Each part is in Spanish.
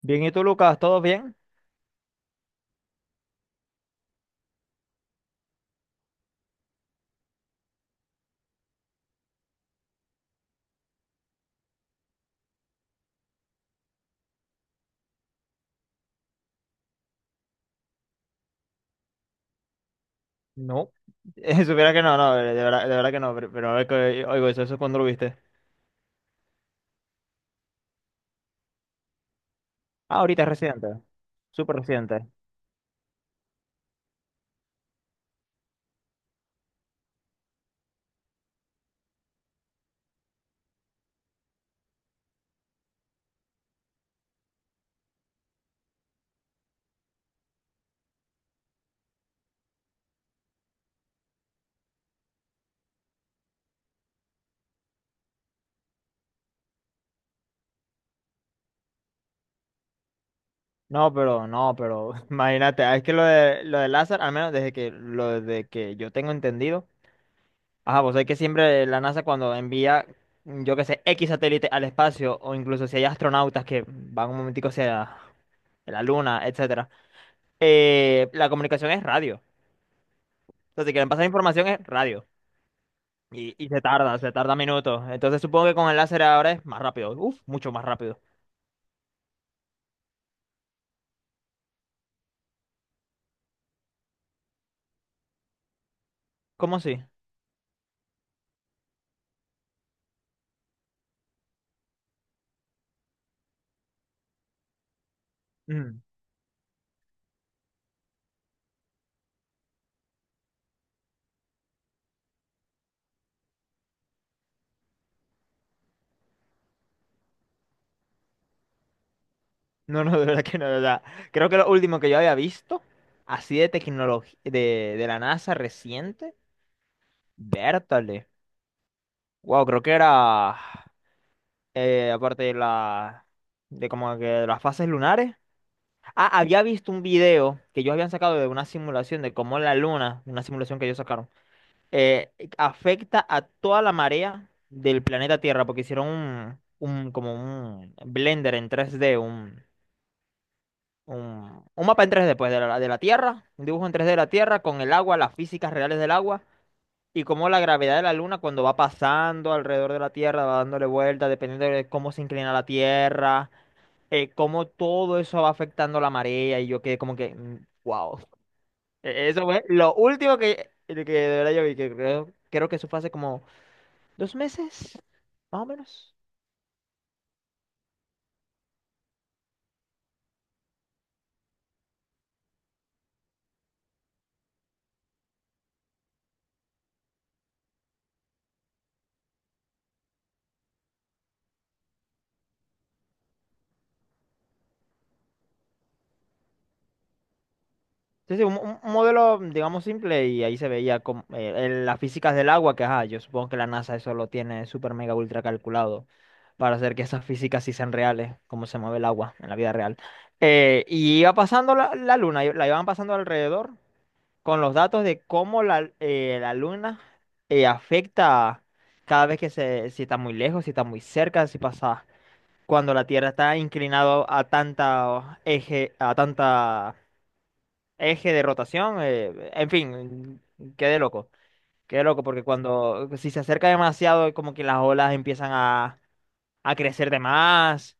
Bien, ¿y tú, Lucas? ¿Todo bien? No, supiera que no, no, de verdad que no, pero a ver que oigo eso, eso cuando lo viste. Ah, ahorita es reciente, súper reciente. No, pero, no, pero, imagínate, ah, es que lo de Lázaro, al menos desde que, lo de que yo tengo entendido, ajá, vos sabés que siempre la NASA cuando envía, yo qué sé, X satélite al espacio, o incluso si hay astronautas que van un momentico hacia la Luna, etcétera, la comunicación es radio. Entonces, si quieren pasar información es radio. Y se tarda minutos. Entonces supongo que con el láser ahora es más rápido. Uf, mucho más rápido. ¿Cómo así? Mm. No, no, de verdad que no, de verdad. Creo que lo último que yo había visto, así de tecnología, de la NASA reciente, vértale. Wow, creo que era, aparte de la, de como que de las fases lunares. Ah, había visto un video que ellos habían sacado de una simulación de cómo la luna, una simulación que ellos sacaron eh, afecta a toda la marea del planeta Tierra, porque hicieron un, como un blender en tres d un mapa en tres d pues, de la Tierra, un dibujo en tres d de la Tierra con el agua, las físicas reales del agua y cómo la gravedad de la Luna cuando va pasando alrededor de la Tierra, va dándole vueltas, dependiendo de cómo se inclina la Tierra, cómo todo eso va afectando la marea y yo quedé como que, wow. Eso fue lo último que de verdad yo vi, que creo, creo que eso fue hace como dos meses, más o menos. Sí, sí, un, un modelo, digamos, simple y ahí se veía como, las físicas del agua, que ajá, yo supongo que la NASA eso lo tiene super mega ultra calculado para hacer que esas físicas sí sean reales, cómo se mueve el agua en la vida real. Y iba pasando la, la luna, y la iban pasando alrededor con los datos de cómo la, la luna afecta cada vez que se, si está muy lejos, si está muy cerca, si pasa cuando la Tierra está inclinada a tanta eje de rotación, en fin, quedé loco, quedé loco, porque cuando, si se acerca demasiado, como que las olas empiezan a crecer de más,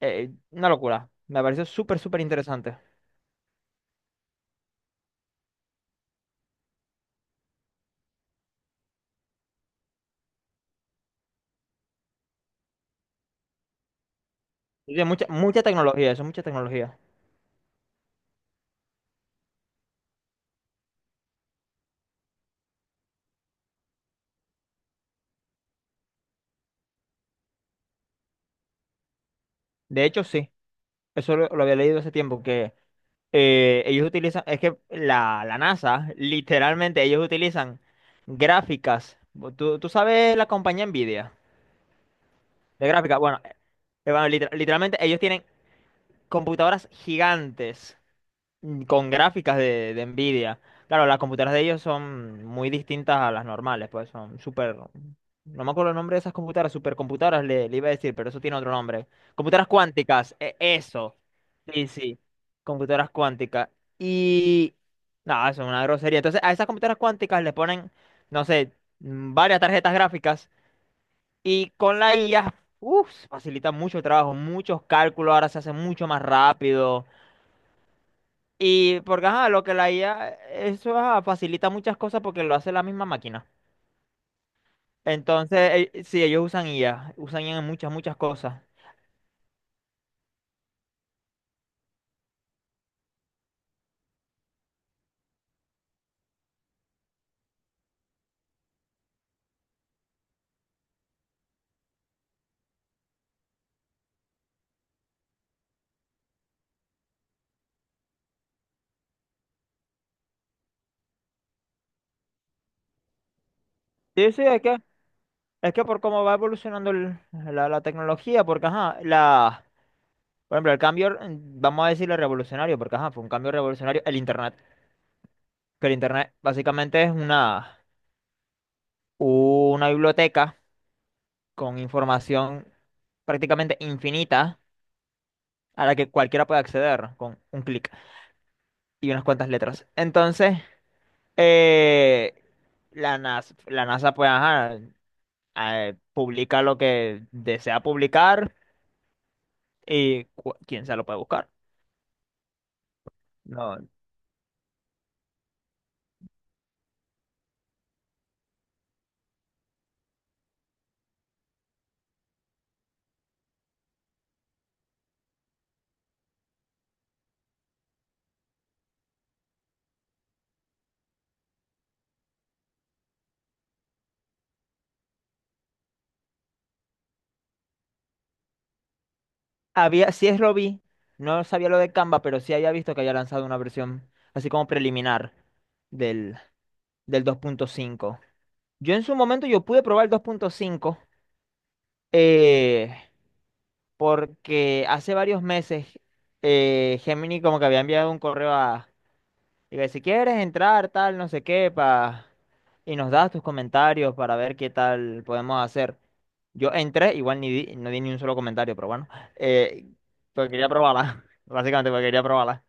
una locura, me pareció súper, súper interesante. Tiene mucha, mucha tecnología, eso, mucha tecnología. De hecho, sí, eso lo había leído hace tiempo, que ellos utilizan, es que la, la NASA, literalmente, ellos utilizan gráficas. ¿Tú sabes la compañía Nvidia de gráfica? Bueno, bueno, literalmente ellos tienen computadoras gigantes con gráficas de Nvidia. Claro, las computadoras de ellos son muy distintas a las normales, pues son súper... No me acuerdo el nombre de esas computadoras, supercomputadoras le, le iba a decir, pero eso tiene otro nombre. Computadoras cuánticas, eso. Sí, sí, computadoras cuánticas. Y... No, eso es una grosería. Entonces, a esas computadoras cuánticas le ponen, no sé, varias tarjetas gráficas y con la IA, uff, facilita mucho el trabajo, muchos cálculos, ahora se hace mucho más rápido. Y porque, ajá, lo que la IA, eso ajá, facilita muchas cosas porque lo hace la misma máquina. Entonces, sí, ellos usan IA, usan IA en muchas, muchas cosas. Sí, sí, es que por cómo va evolucionando la, la tecnología, porque, ajá, la, por ejemplo, el cambio, mm, vamos a decirle revolucionario, porque, ajá, fue un cambio revolucionario el Internet, que el Internet básicamente es una biblioteca con información prácticamente infinita a la que cualquiera puede acceder con un clic y unas cuantas letras. Entonces... Eh, la NASA pues ajá, publica lo que desea publicar y quién se lo puede buscar. No, había, sí es lo vi, no sabía lo de Canva, pero sí había visto que había lanzado una versión así como preliminar del, del dos punto cinco. Yo en su momento yo pude probar el 2.5 eh, porque hace varios meses Gemini como que había enviado un correo a. Diga, si quieres entrar, tal, no sé qué, pa... y nos das tus comentarios para ver qué tal podemos hacer. Yo entré, igual ni di- no di ni un solo comentario, pero bueno, eh, porque quería probarla, básicamente porque quería probarla.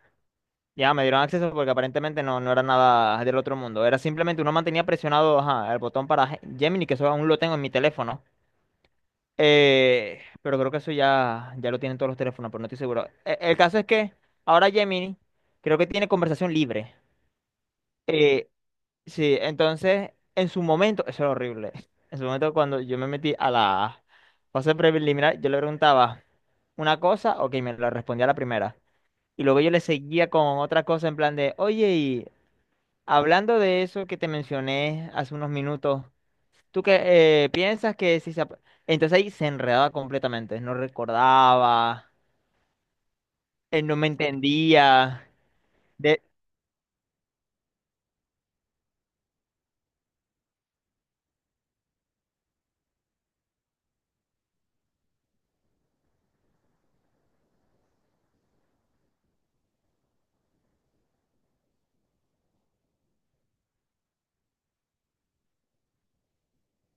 Ya me dieron acceso porque aparentemente no, no era nada del otro mundo. Era simplemente uno mantenía presionado ajá, el botón para Gemini, que eso aún lo tengo en mi teléfono. Pero creo que eso ya, ya lo tienen todos los teléfonos, pero no estoy seguro. El, caso es que ahora Gemini creo que tiene conversación libre. Eh, Sí, entonces, en su momento, eso era horrible. En su momento, cuando yo me metí a la fase preliminar, yo le preguntaba una cosa, ok, me la respondía la primera. Y luego yo le seguía con otra cosa en plan de, oye, y hablando de eso que te mencioné hace unos minutos, ¿tú qué piensas que si se... ap-?" Entonces ahí se enredaba completamente, no recordaba, él no me entendía. De...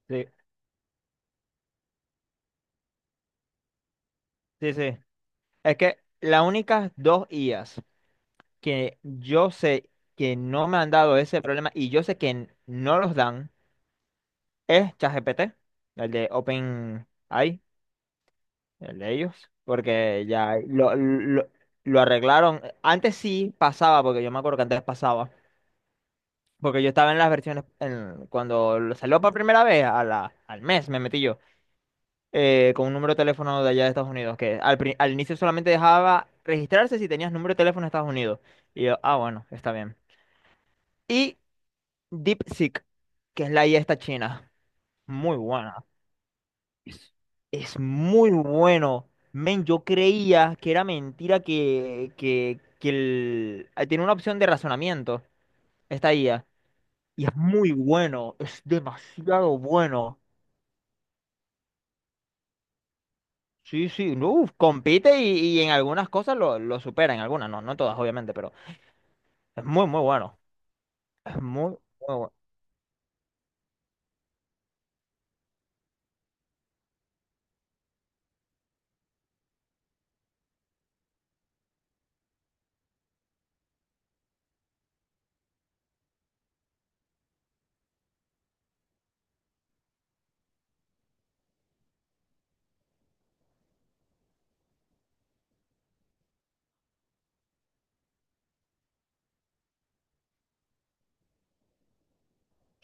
Sí, sí, sí. Es que las únicas dos IAs que yo sé que no me han dado ese problema y yo sé que no los dan es ChatGPT, el de OpenAI, el de ellos, porque ya lo arreglaron. Antes sí pasaba, porque yo me acuerdo que antes pasaba, porque yo estaba en las versiones, cuando lo salió por primera vez, a la, al mes me metí yo. Eh, con un número de teléfono de allá de Estados Unidos, que al, al inicio solamente dejaba registrarse si tenías número de teléfono de Estados Unidos. Y yo, ah, bueno, está bien. DeepSeek, que es la IA esta china. Muy buena. Es, es muy bueno. Men, yo creía que era mentira que el... ah, tiene una opción de razonamiento, esta IA. Y es muy bueno, es demasiado bueno. Sí, sí, no, uf, compite y en algunas cosas lo supera, en algunas, no, no en todas, obviamente, pero es muy, muy bueno. Es muy, muy bueno.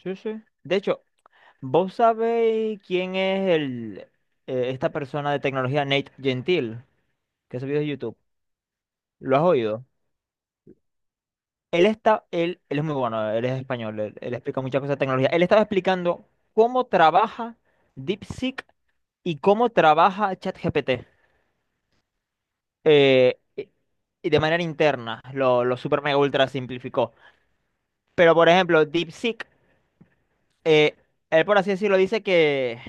Sí, sí. De hecho, ¿vos sabéis quién es el, esta persona de tecnología, Nate Gentil, que ha subido de YouTube? ¿Lo has oído? Él está, él es muy bueno, él es español, él explica muchas cosas de tecnología. Él estaba explicando cómo trabaja DeepSeek y cómo trabaja ChatGPT. eh, y y de manera interna, lo super mega ultra simplificó. Pero, por ejemplo, DeepSeek eh, él, por así decirlo, dice que,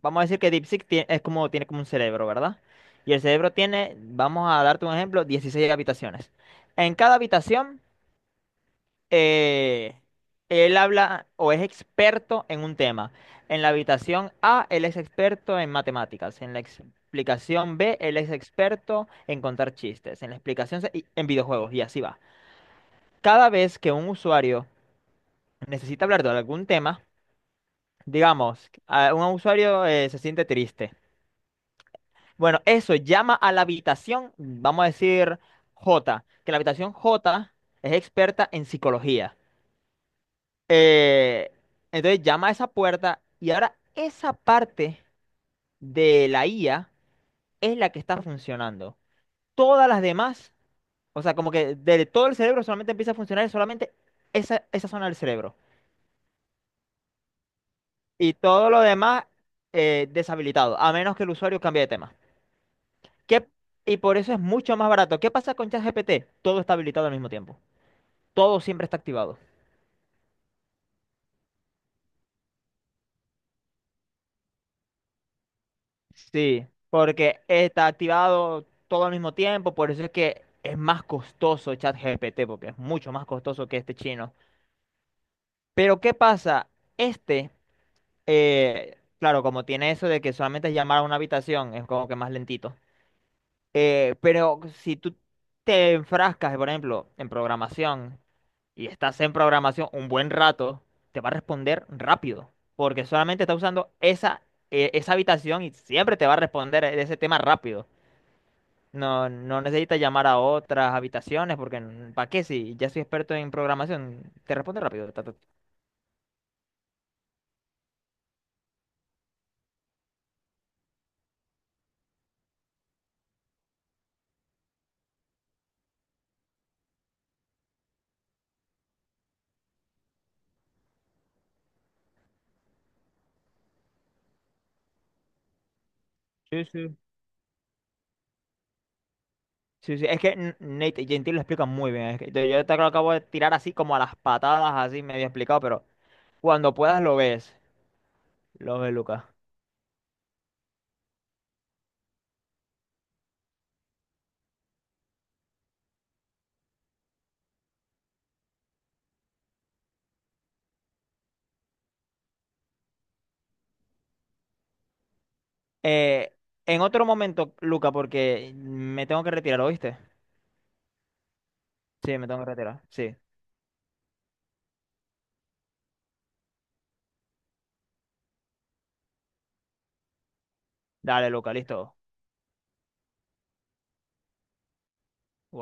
vamos a decir que DeepSeek es como, tiene como un cerebro, ¿verdad? Y el cerebro tiene, vamos a darte un ejemplo, 16 habitaciones. En cada habitación, eh, él habla o es experto en un tema. En la habitación A, él es experto en matemáticas. En la explicación B, él es experto en contar chistes. En la explicación C, en videojuegos, y así va. Cada vez que un usuario necesita hablar de algún tema, digamos, un usuario se siente triste. Bueno, eso llama a la habitación, vamos a decir J, que la habitación J es experta en psicología. Eh, entonces llama a esa puerta y ahora esa parte de la IA es la que está funcionando. Todas las demás, o sea, como que de todo el cerebro solamente empieza a funcionar solamente esa, esa zona del cerebro. Y todo lo demás deshabilitado, a menos que el usuario cambie de tema. ¿Qué... y por eso es mucho más barato. ¿Qué pasa con ChatGPT? Todo está habilitado al mismo tiempo. Todo siempre está activado. Sí, porque está activado todo al mismo tiempo, por eso es que es más costoso ChatGPT, porque es mucho más costoso que este chino. Pero ¿qué pasa? Este, claro, como tiene eso de que solamente es llamar a una habitación, es como que más lentito. Pero si tú te enfrascas, por ejemplo, en programación, y estás en programación un buen rato, te va a responder rápido, porque solamente está usando esa, esa habitación y siempre te va a responder de ese tema rápido. No, no necesitas llamar a otras habitaciones, porque ¿para qué? Si ya soy experto en programación, te responde rápido. Ta, ta, ta. Sí, sí. Sí, sí, es que Nate Gentil lo explica muy bien. Es que yo te lo acabo de tirar así como a las patadas, así medio explicado, pero cuando puedas lo ves. Lo ves, Luca. Eh, en otro momento, Luca, porque me tengo que retirar, ¿oíste? Sí, me tengo que retirar. Sí. Dale, Luca, listo.